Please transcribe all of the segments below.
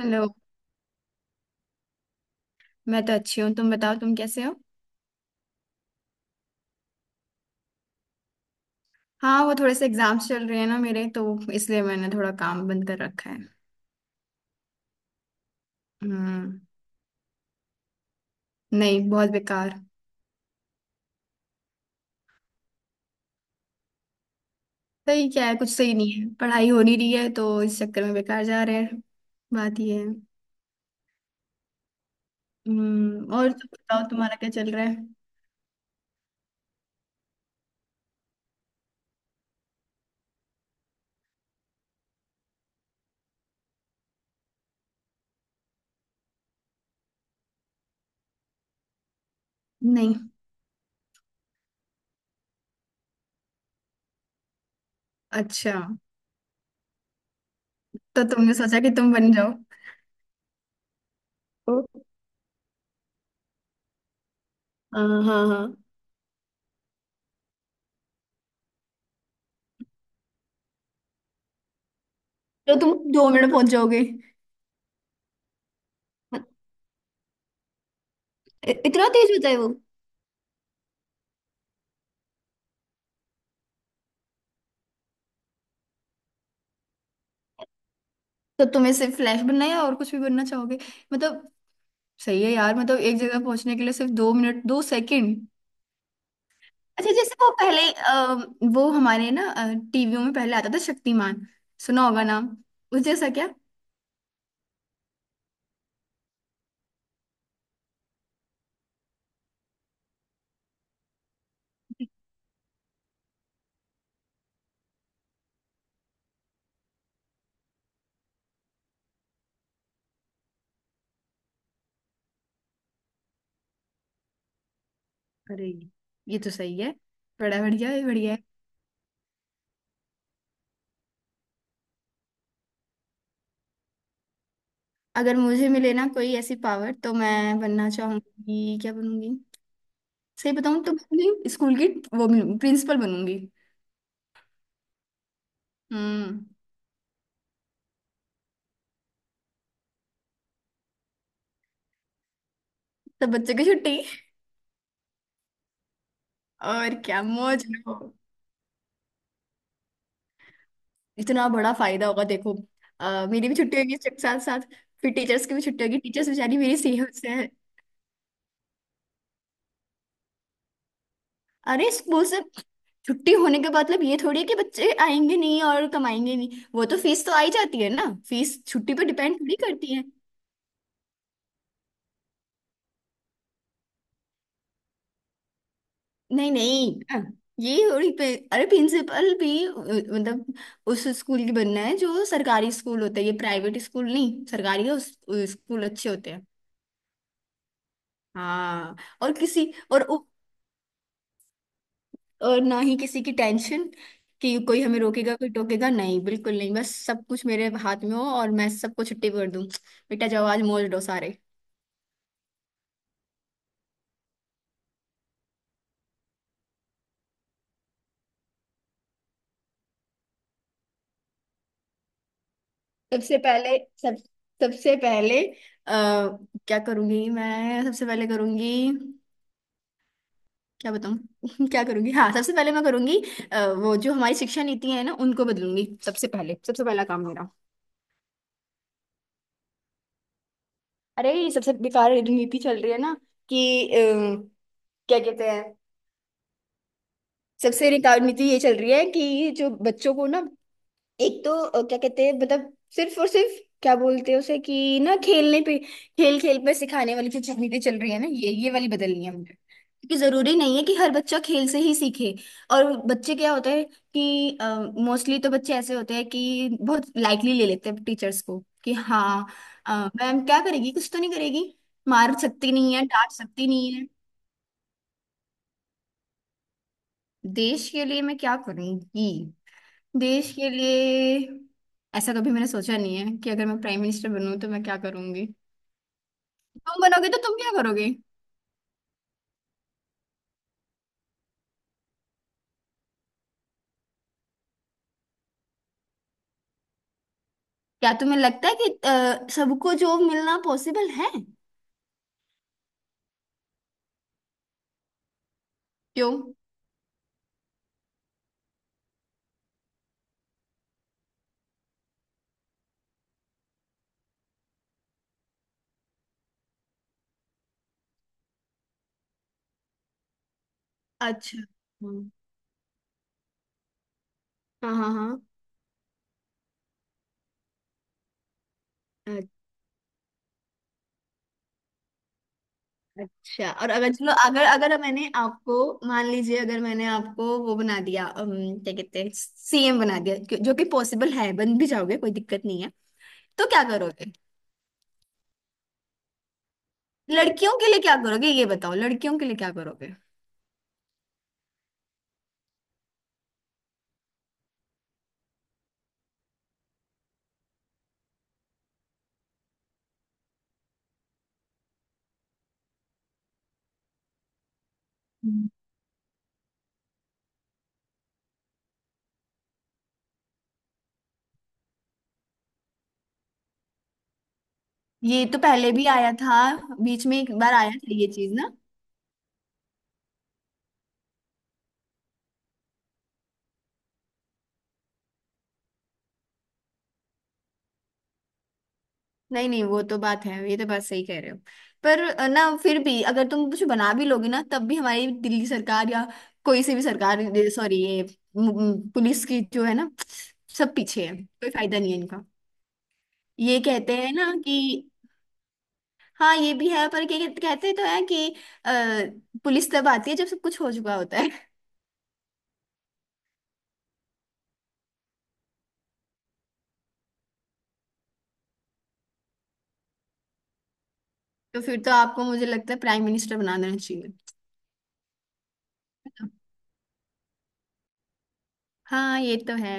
Hello. मैं तो अच्छी हूँ, तुम बताओ तुम कैसे हो? हाँ, वो थोड़े से एग्जाम्स चल रहे हैं ना मेरे तो, इसलिए मैंने थोड़ा काम बंद कर रखा है। हम्म, नहीं, बहुत बेकार। सही क्या है? कुछ सही नहीं है। पढ़ाई हो नहीं रही है तो इस चक्कर में बेकार जा रहे हैं। बात ये है। और तुम बताओ तुम्हारा क्या चल रहा है? नहीं। अच्छा, तो तुमने सोचा कि तुम बन जाओ? ओ, हाँ हाँ हाँ। तो तुम 2 मिनट में पहुंच जाओगे? मत- इतना तेज होता है वो? तो तुम्हें सिर्फ फ्लैश बनना है या और कुछ भी बनना चाहोगे, मतलब? सही है यार, मतलब एक जगह पहुंचने के लिए सिर्फ 2 मिनट, 2 सेकंड। अच्छा, जैसे वो पहले वो हमारे ना टीवियों में पहले आता था, शक्तिमान। सुना होगा नाम। उस जैसा, क्या? अरे, ये तो सही है। बड़ा बढ़िया है, बढ़िया है। अगर मुझे मिले ना कोई ऐसी पावर तो मैं बनना चाहूंगी, क्या बनूंगी? सही बताऊं तो मैं अपने स्कूल की, वो, प्रिंसिपल बनूंगी। हम्म सब बच्चे की छुट्टी और क्या, मौज लो। इतना बड़ा फायदा होगा देखो। मेरी भी छुट्टी होगी, इसके साथ साथ। फिर टीचर्स की भी छुट्टी होगी। टीचर्स बेचारी मेरी सेहत से है। अरे, स्कूल से छुट्टी होने का मतलब ये थोड़ी है कि बच्चे आएंगे नहीं और कमाएंगे नहीं। वो तो फीस तो आई जाती है ना। फीस छुट्टी पर डिपेंड थोड़ी करती है। नहीं नहीं, हाँ, अरे, प्रिंसिपल भी, मतलब उस स्कूल की बनना है जो सरकारी स्कूल होता है, ये प्राइवेट स्कूल नहीं, सरकारी का, उस स्कूल अच्छे होते हैं। हाँ, और किसी और। और ना ही किसी की टेंशन कि कोई हमें रोकेगा, कोई टोकेगा, नहीं बिल्कुल नहीं, बस सब कुछ मेरे हाथ में हो और मैं सबको छुट्टी कर दूं। बेटा जाओ, आज मौज लो सारे। सबसे पहले, सब सबसे पहले, आ, क्या करूंगी मैं सबसे पहले करूंगी, क्या बताऊं। क्या करूंगी, हाँ, सबसे पहले मैं करूंगी, वो जो हमारी शिक्षा नीति है ना, उनको बदलूंगी, सबसे पहले, सबसे पहला काम मेरा। अरे, ये सबसे बेकार नीति चल रही है ना कि, अ, क्या कहते हैं, सबसे बेकार नीति ये चल रही है कि जो बच्चों को ना, एक तो क्या कहते हैं, मतलब सिर्फ और सिर्फ क्या बोलते हैं उसे कि ना, खेलने पे, खेल खेल पे सिखाने वाली जो चीजें चल रही है ना, ये वाली बदलनी है मुझे, क्योंकि जरूरी नहीं है कि हर बच्चा खेल से ही सीखे। और बच्चे क्या होता है कि, मोस्टली तो बच्चे ऐसे होते हैं कि बहुत लाइटली ले लेते हैं टीचर्स को, कि हाँ, अ, मैम क्या करेगी, कुछ तो नहीं करेगी, मार सकती नहीं है, डांट सकती नहीं है। देश के लिए मैं क्या करूंगी? देश के लिए ऐसा कभी मैंने सोचा नहीं है कि अगर मैं प्राइम मिनिस्टर बनूं तो मैं क्या करूंगी। तुम बनोगे तो तुम क्या करोगे? क्या तुम्हें लगता है कि सबको जॉब मिलना पॉसिबल है? क्यों? अच्छा। हम्म, हाँ हाँ हाँ। अ- अच्छा, और अगर चलो, अगर अगर मैंने आपको, मान लीजिए, अगर मैंने आपको वो बना दिया, क्या कहते हैं, सीएम बना दिया, जो जो कि पॉसिबल है, बन भी जाओगे कोई दिक्कत नहीं है। तो क्या करोगे? लड़कियों के लिए क्या करोगे, ये बताओ, लड़कियों के लिए क्या करोगे? ये तो पहले भी आया था, बीच में एक बार आया था ये चीज ना। नहीं नहीं, वो तो बात है, ये तो बात सही कह रहे हो। पर ना फिर भी अगर तुम कुछ बना भी लोगे ना, तब भी हमारी दिल्ली सरकार या कोई से भी सरकार, सॉरी, ये पुलिस की जो है ना, सब पीछे है, कोई फायदा नहीं है इनका। ये कहते हैं ना कि, हाँ ये भी है, पर क्या कहते कहते तो है कि, पुलिस तब आती है जब सब कुछ हो चुका होता है। तो फिर तो आपको मुझे लगता है प्राइम मिनिस्टर बना देना चाहिए। हाँ ये तो है,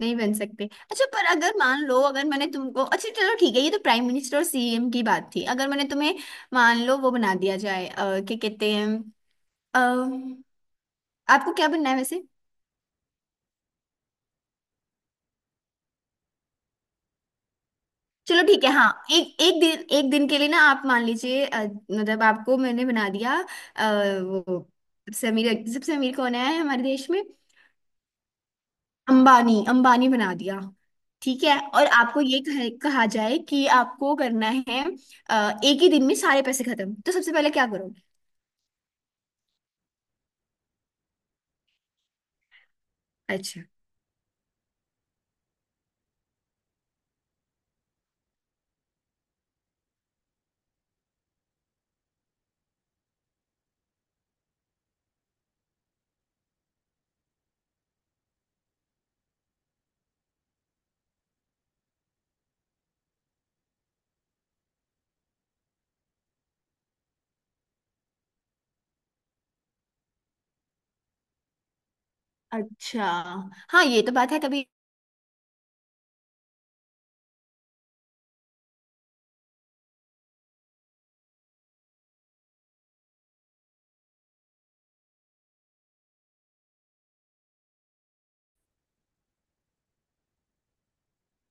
नहीं बन सकते। अच्छा, पर अगर मान लो, अगर मैंने तुमको, अच्छा चलो ठीक है, ये तो प्राइम मिनिस्टर और सीएम की बात थी। अगर मैंने तुम्हें मान लो वो बना दिया जाए, क्या कहते हैं, अ, आपको क्या बनना है वैसे? चलो ठीक है, हाँ, एक एक दिन के लिए ना आप मान लीजिए, मतलब आपको मैंने बना दिया, अ, वो, सबसे अमीर, सबसे अमीर कौन है हमारे देश में? अंबानी, अंबानी बना दिया। ठीक है, और आपको ये कहा जाए कि आपको करना है, एक ही दिन में सारे पैसे खत्म, तो सबसे पहले क्या? अच्छा। अच्छा। हाँ ये तो बात है तभी।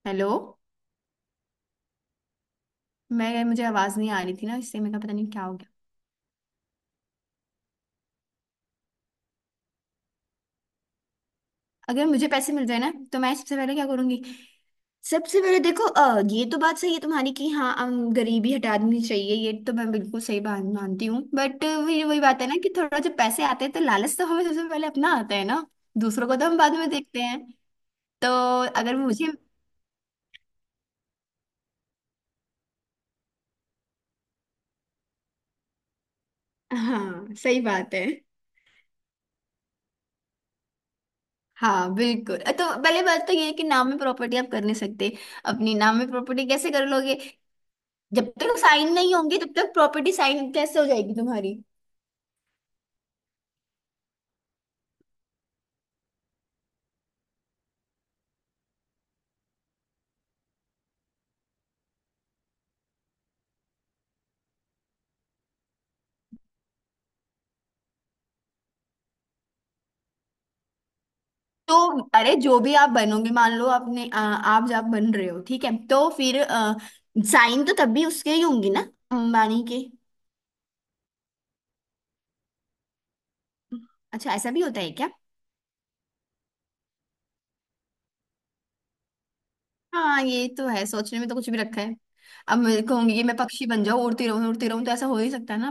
हेलो, मैं मुझे आवाज नहीं आ रही थी ना, इससे मेरा पता नहीं क्या हो गया। अगर मुझे पैसे मिल जाए ना तो मैं सबसे पहले क्या करूंगी? सबसे पहले देखो, ये तो बात सही है तुम्हारी कि हाँ, गरीबी हटा देनी चाहिए, ये तो मैं बिल्कुल सही बात मानती हूँ बट वही वही बात है ना कि थोड़ा जब पैसे आते हैं तो लालच तो हमें सबसे पहले अपना आता है ना। दूसरों को तो हम बाद में देखते हैं। तो अगर मुझे हाँ सही बात है। हाँ बिल्कुल, तो पहले बात तो ये है कि नाम में प्रॉपर्टी आप कर नहीं सकते, अपनी नाम में प्रॉपर्टी कैसे कर लोगे? जब तक साइन नहीं होंगे तब तक प्रॉपर्टी साइन कैसे हो जाएगी तुम्हारी? तो अरे, जो भी आप बनोगे, मान लो आपने आप जब बन रहे हो ठीक है, तो फिर साइन तो तब भी उसके ही होंगे ना, अंबानी के। अच्छा, ऐसा भी होता है क्या? हाँ ये तो है, सोचने में तो कुछ भी रखा है। अब मैं कहूंगी कि मैं पक्षी बन जाऊं, उड़ती रहूं उड़ती रहूं, तो ऐसा हो ही सकता है ना।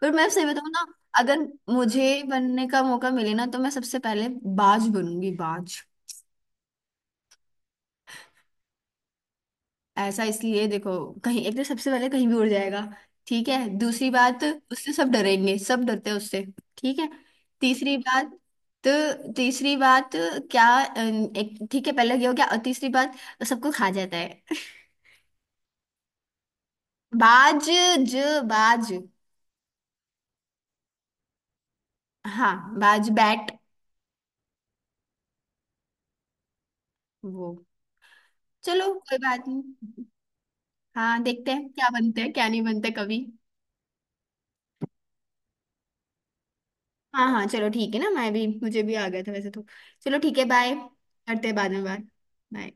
पर मैं सही बताऊँ ना, अगर मुझे बनने का मौका मिले ना, तो मैं सबसे पहले बाज बनूंगी, बाज। ऐसा इसलिए देखो, कहीं, एक तो सबसे पहले कहीं भी उड़ जाएगा। ठीक है, दूसरी बात, उससे सब डरेंगे, सब डरते हैं उससे। ठीक है, तीसरी बात, तो तीसरी बात क्या, एक ठीक है, पहले ये हो गया, और तीसरी बात, सबको खा जाता है। बाज, ज बाज, हाँ बाज, बैट, वो। चलो कोई बात नहीं। हाँ देखते हैं क्या बनते हैं क्या नहीं बनते कभी। हाँ हाँ चलो ठीक है ना, मैं भी मुझे भी आ गया था वैसे तो। चलो ठीक है, बाय, करते हैं बाद में बात। बाय।